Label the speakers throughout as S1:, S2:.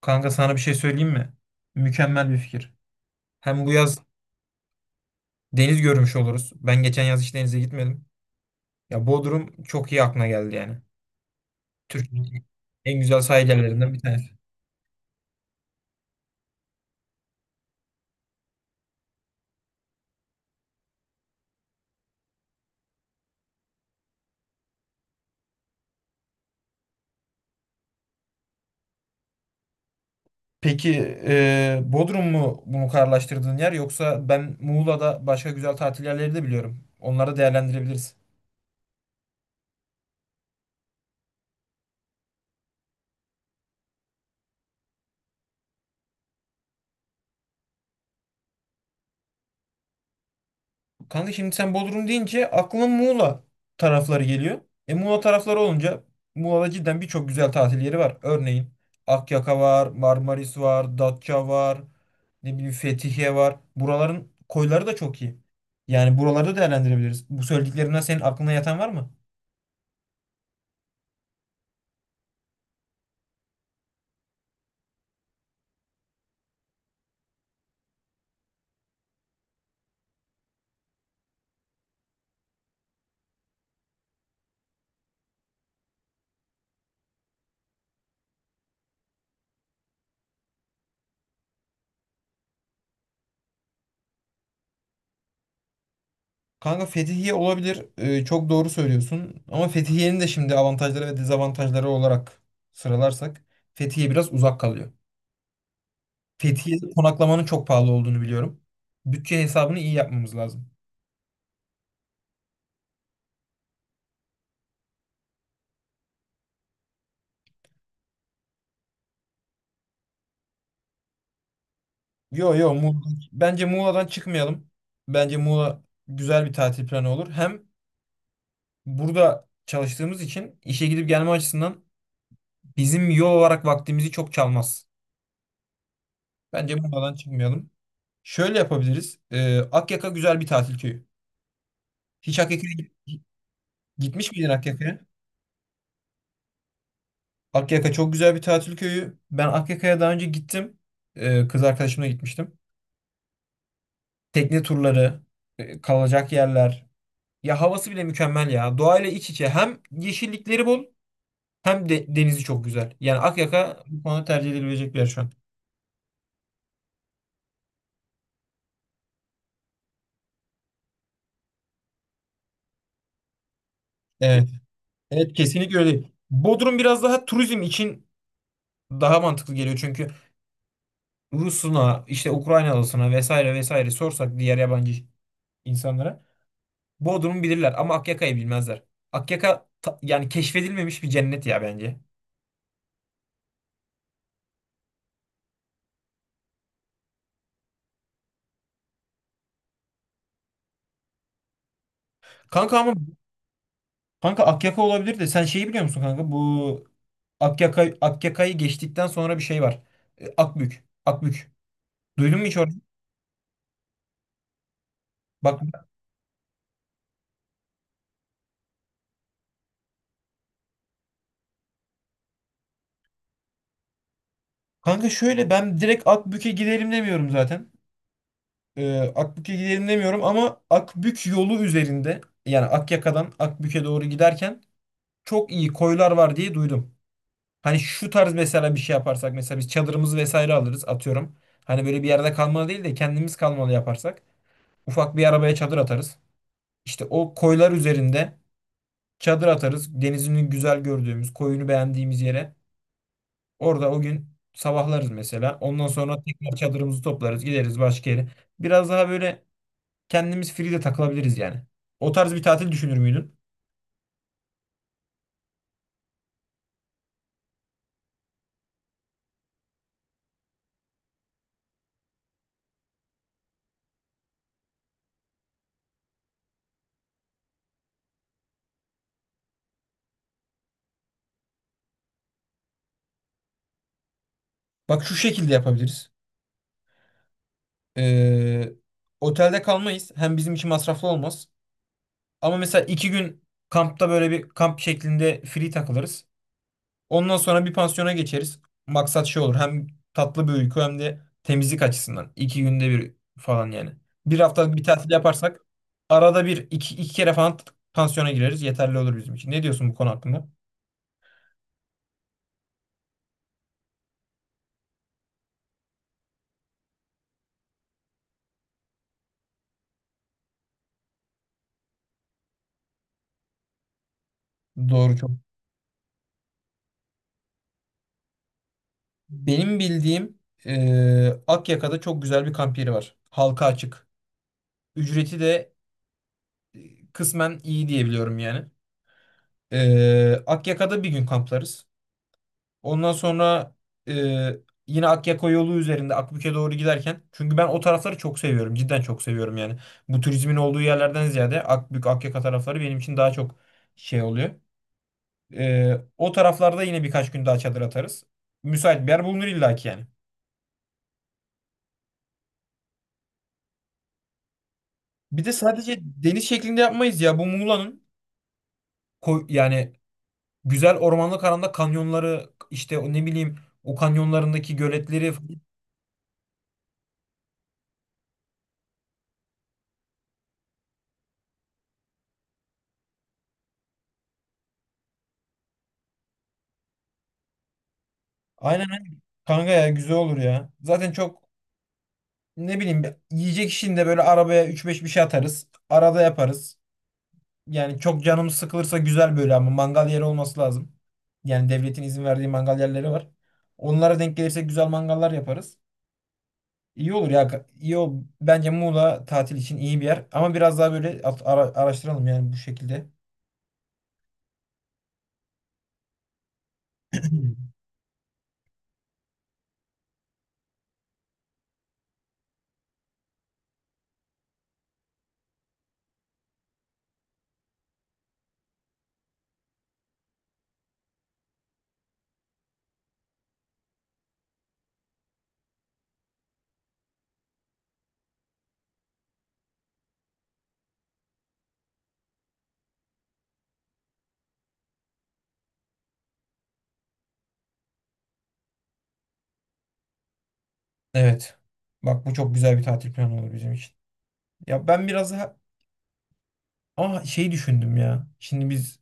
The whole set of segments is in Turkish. S1: Kanka sana bir şey söyleyeyim mi? Mükemmel bir fikir. Hem bu yaz deniz görmüş oluruz. Ben geçen yaz hiç denize gitmedim. Ya Bodrum çok iyi aklına geldi yani. Türkiye'nin en güzel sahil yerlerinden bir tanesi. Peki Bodrum mu bunu kararlaştırdığın yer yoksa ben Muğla'da başka güzel tatil yerleri de biliyorum. Onları değerlendirebiliriz. Kanka şimdi sen Bodrum deyince aklıma Muğla tarafları geliyor. E, Muğla tarafları olunca Muğla'da cidden birçok güzel tatil yeri var. Örneğin Akyaka var, Marmaris var, Datça var, ne bileyim Fethiye var. Buraların koyları da çok iyi. Yani buralarda değerlendirebiliriz. Bu söylediklerimden senin aklına yatan var mı? Kanka Fethiye olabilir. E, çok doğru söylüyorsun. Ama Fethiye'nin de şimdi avantajları ve dezavantajları olarak sıralarsak Fethiye biraz uzak kalıyor. Fethiye'de konaklamanın çok pahalı olduğunu biliyorum. Bütçe hesabını iyi yapmamız lazım. Yo yo Muğla. Bence Muğla'dan çıkmayalım. Bence Muğla güzel bir tatil planı olur. Hem burada çalıştığımız için işe gidip gelme açısından bizim yol olarak vaktimizi çok çalmaz. Bence Muğla'dan çıkmayalım. Şöyle yapabiliriz. Akyaka güzel bir tatil köyü. Hiç gitmiş miydin Akyaka'ya? Akyaka çok güzel bir tatil köyü. Ben Akyaka'ya daha önce gittim. Kız arkadaşımla gitmiştim. Tekne turları, kalacak yerler. Ya havası bile mükemmel ya. Doğayla iç içe. Hem yeşillikleri bol hem de denizi çok güzel. Yani Akyaka bu konuda tercih edilebilecek bir yer şu an. Evet. Evet kesinlikle öyle. Bodrum biraz daha turizm için daha mantıklı geliyor. Çünkü Rus'una, işte Ukraynalısına vesaire vesaire sorsak diğer yabancı insanlara Bodrum'u bilirler ama Akyaka'yı bilmezler. Yani keşfedilmemiş bir cennet ya bence. Kanka ama Kanka Akyaka olabilir de sen şeyi biliyor musun kanka? Bu Akyaka, Akyaka'yı geçtikten sonra bir şey var. E, Akbük. Akbük. Duydun mu hiç orayı? Bak kanka şöyle ben direkt Akbük'e gidelim demiyorum zaten. E, Akbük'e gidelim demiyorum ama Akbük yolu üzerinde yani Akyaka'dan Akbük'e doğru giderken çok iyi koylar var diye duydum. Hani şu tarz mesela bir şey yaparsak mesela biz çadırımızı vesaire alırız atıyorum. Hani böyle bir yerde kalmalı değil de kendimiz kalmalı yaparsak. Ufak bir arabaya çadır atarız. İşte o koylar üzerinde çadır atarız. Denizini güzel gördüğümüz, koyunu beğendiğimiz yere. Orada o gün sabahlarız mesela. Ondan sonra tekrar çadırımızı toplarız, gideriz başka yere. Biraz daha böyle kendimiz free de takılabiliriz yani. O tarz bir tatil düşünür müydün? Bak şu şekilde yapabiliriz. Ee, Otelde kalmayız. Hem bizim için masraflı olmaz. Ama mesela 2 gün kampta böyle bir kamp şeklinde free takılırız. Ondan sonra bir pansiyona geçeriz. Maksat şey olur. Hem tatlı bir uyku hem de temizlik açısından. İki günde bir falan yani. Bir haftalık bir tatil yaparsak arada bir 2 kere falan pansiyona gireriz. Yeterli olur bizim için. Ne diyorsun bu konu hakkında? Doğru çok. Benim bildiğim Akyaka'da çok güzel bir kamp yeri var. Halka açık. Ücreti de e, kısmen iyi diyebiliyorum yani. Akyaka'da bir gün kamplarız. Ondan sonra e, yine Akyaka yolu üzerinde Akbük'e doğru giderken. Çünkü ben o tarafları çok seviyorum. Cidden çok seviyorum yani. Bu turizmin olduğu yerlerden ziyade Akbük, Akyaka tarafları benim için daha çok şey oluyor. O taraflarda yine birkaç gün daha çadır atarız. Müsait bir yer bulunur illaki yani. Bir de sadece deniz şeklinde yapmayız ya. Bu yani güzel ormanlık alanda kanyonları işte o ne bileyim o kanyonlarındaki göletleri falan. Aynen aynen. Kanka ya güzel olur ya. Zaten çok ne bileyim yiyecek işinde böyle arabaya üç beş bir şey atarız. Arada yaparız. Yani çok canımız sıkılırsa güzel böyle ama mangal yeri olması lazım. Yani devletin izin verdiği mangal yerleri var. Onlara denk gelirsek güzel mangallar yaparız. İyi olur ya. İyi o bence Muğla tatil için iyi bir yer. Ama biraz daha böyle araştıralım yani bu şekilde. Evet. Bak bu çok güzel bir tatil planı olur bizim için. Ya ben biraz daha ama şey düşündüm ya. Şimdi biz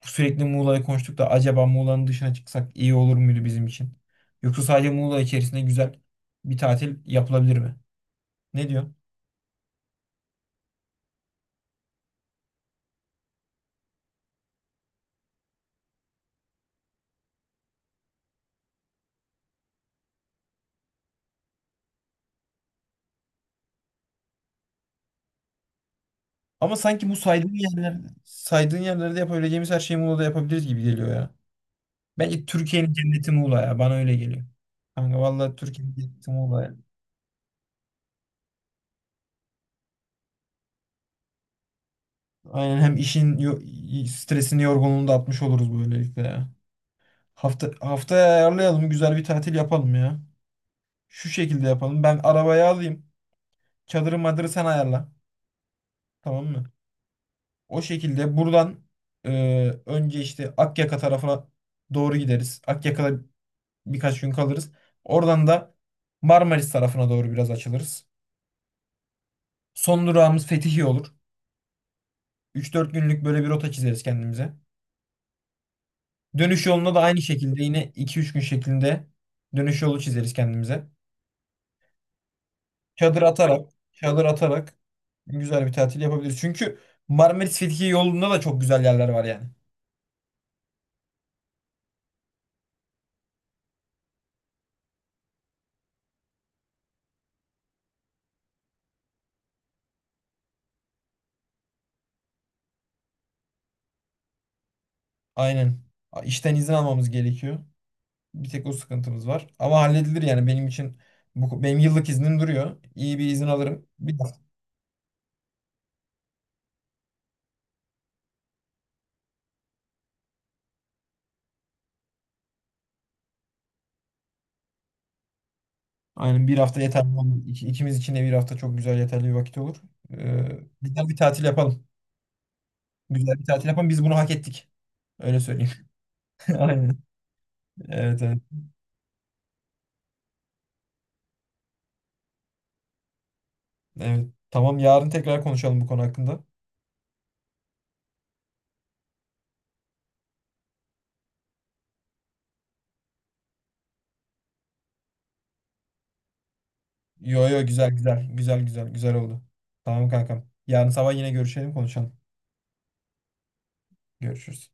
S1: sürekli Muğla'yı konuştuk da acaba Muğla'nın dışına çıksak iyi olur muydu bizim için? Yoksa sadece Muğla içerisinde güzel bir tatil yapılabilir mi? Ne diyorsun? Ama sanki bu saydığın yerler, saydığın yerlerde yapabileceğimiz her şeyi Muğla'da yapabiliriz gibi geliyor ya. Bence Türkiye'nin cenneti Muğla ya. Bana öyle geliyor. Kanka vallahi Türkiye'nin cenneti Muğla ya. Aynen hem stresini yorgunluğunu da atmış oluruz böylelikle ya. Hafta haftaya ayarlayalım. Güzel bir tatil yapalım ya. Şu şekilde yapalım. Ben arabayı alayım. Çadırı madırı sen ayarla. Tamam mı? O şekilde buradan önce işte Akyaka tarafına doğru gideriz. Akyaka'da birkaç gün kalırız. Oradan da Marmaris tarafına doğru biraz açılırız. Son durağımız Fethiye olur. 3 4 günlük böyle bir rota çizeriz kendimize. Dönüş yolunda da aynı şekilde yine 2 3 gün şeklinde dönüş yolu çizeriz kendimize. Çadır atarak, çadır atarak güzel bir tatil yapabiliriz. Çünkü Marmaris Fethiye yolunda da çok güzel yerler var yani. Aynen. İşten izin almamız gerekiyor. Bir tek o sıkıntımız var. Ama halledilir yani benim için bu, benim yıllık iznim duruyor. İyi bir izin alırım. Bir hafta. Aynen bir hafta yeterli olur. İkimiz için de bir hafta çok güzel yeterli bir vakit olur. Güzel bir tatil yapalım. Güzel bir tatil yapalım. Biz bunu hak ettik. Öyle söyleyeyim. Aynen. Evet, evet. Evet. Tamam yarın tekrar konuşalım bu konu hakkında. Yo yo güzel güzel. Güzel güzel. Güzel oldu. Tamam kankam. Yarın sabah yine görüşelim konuşalım. Görüşürüz.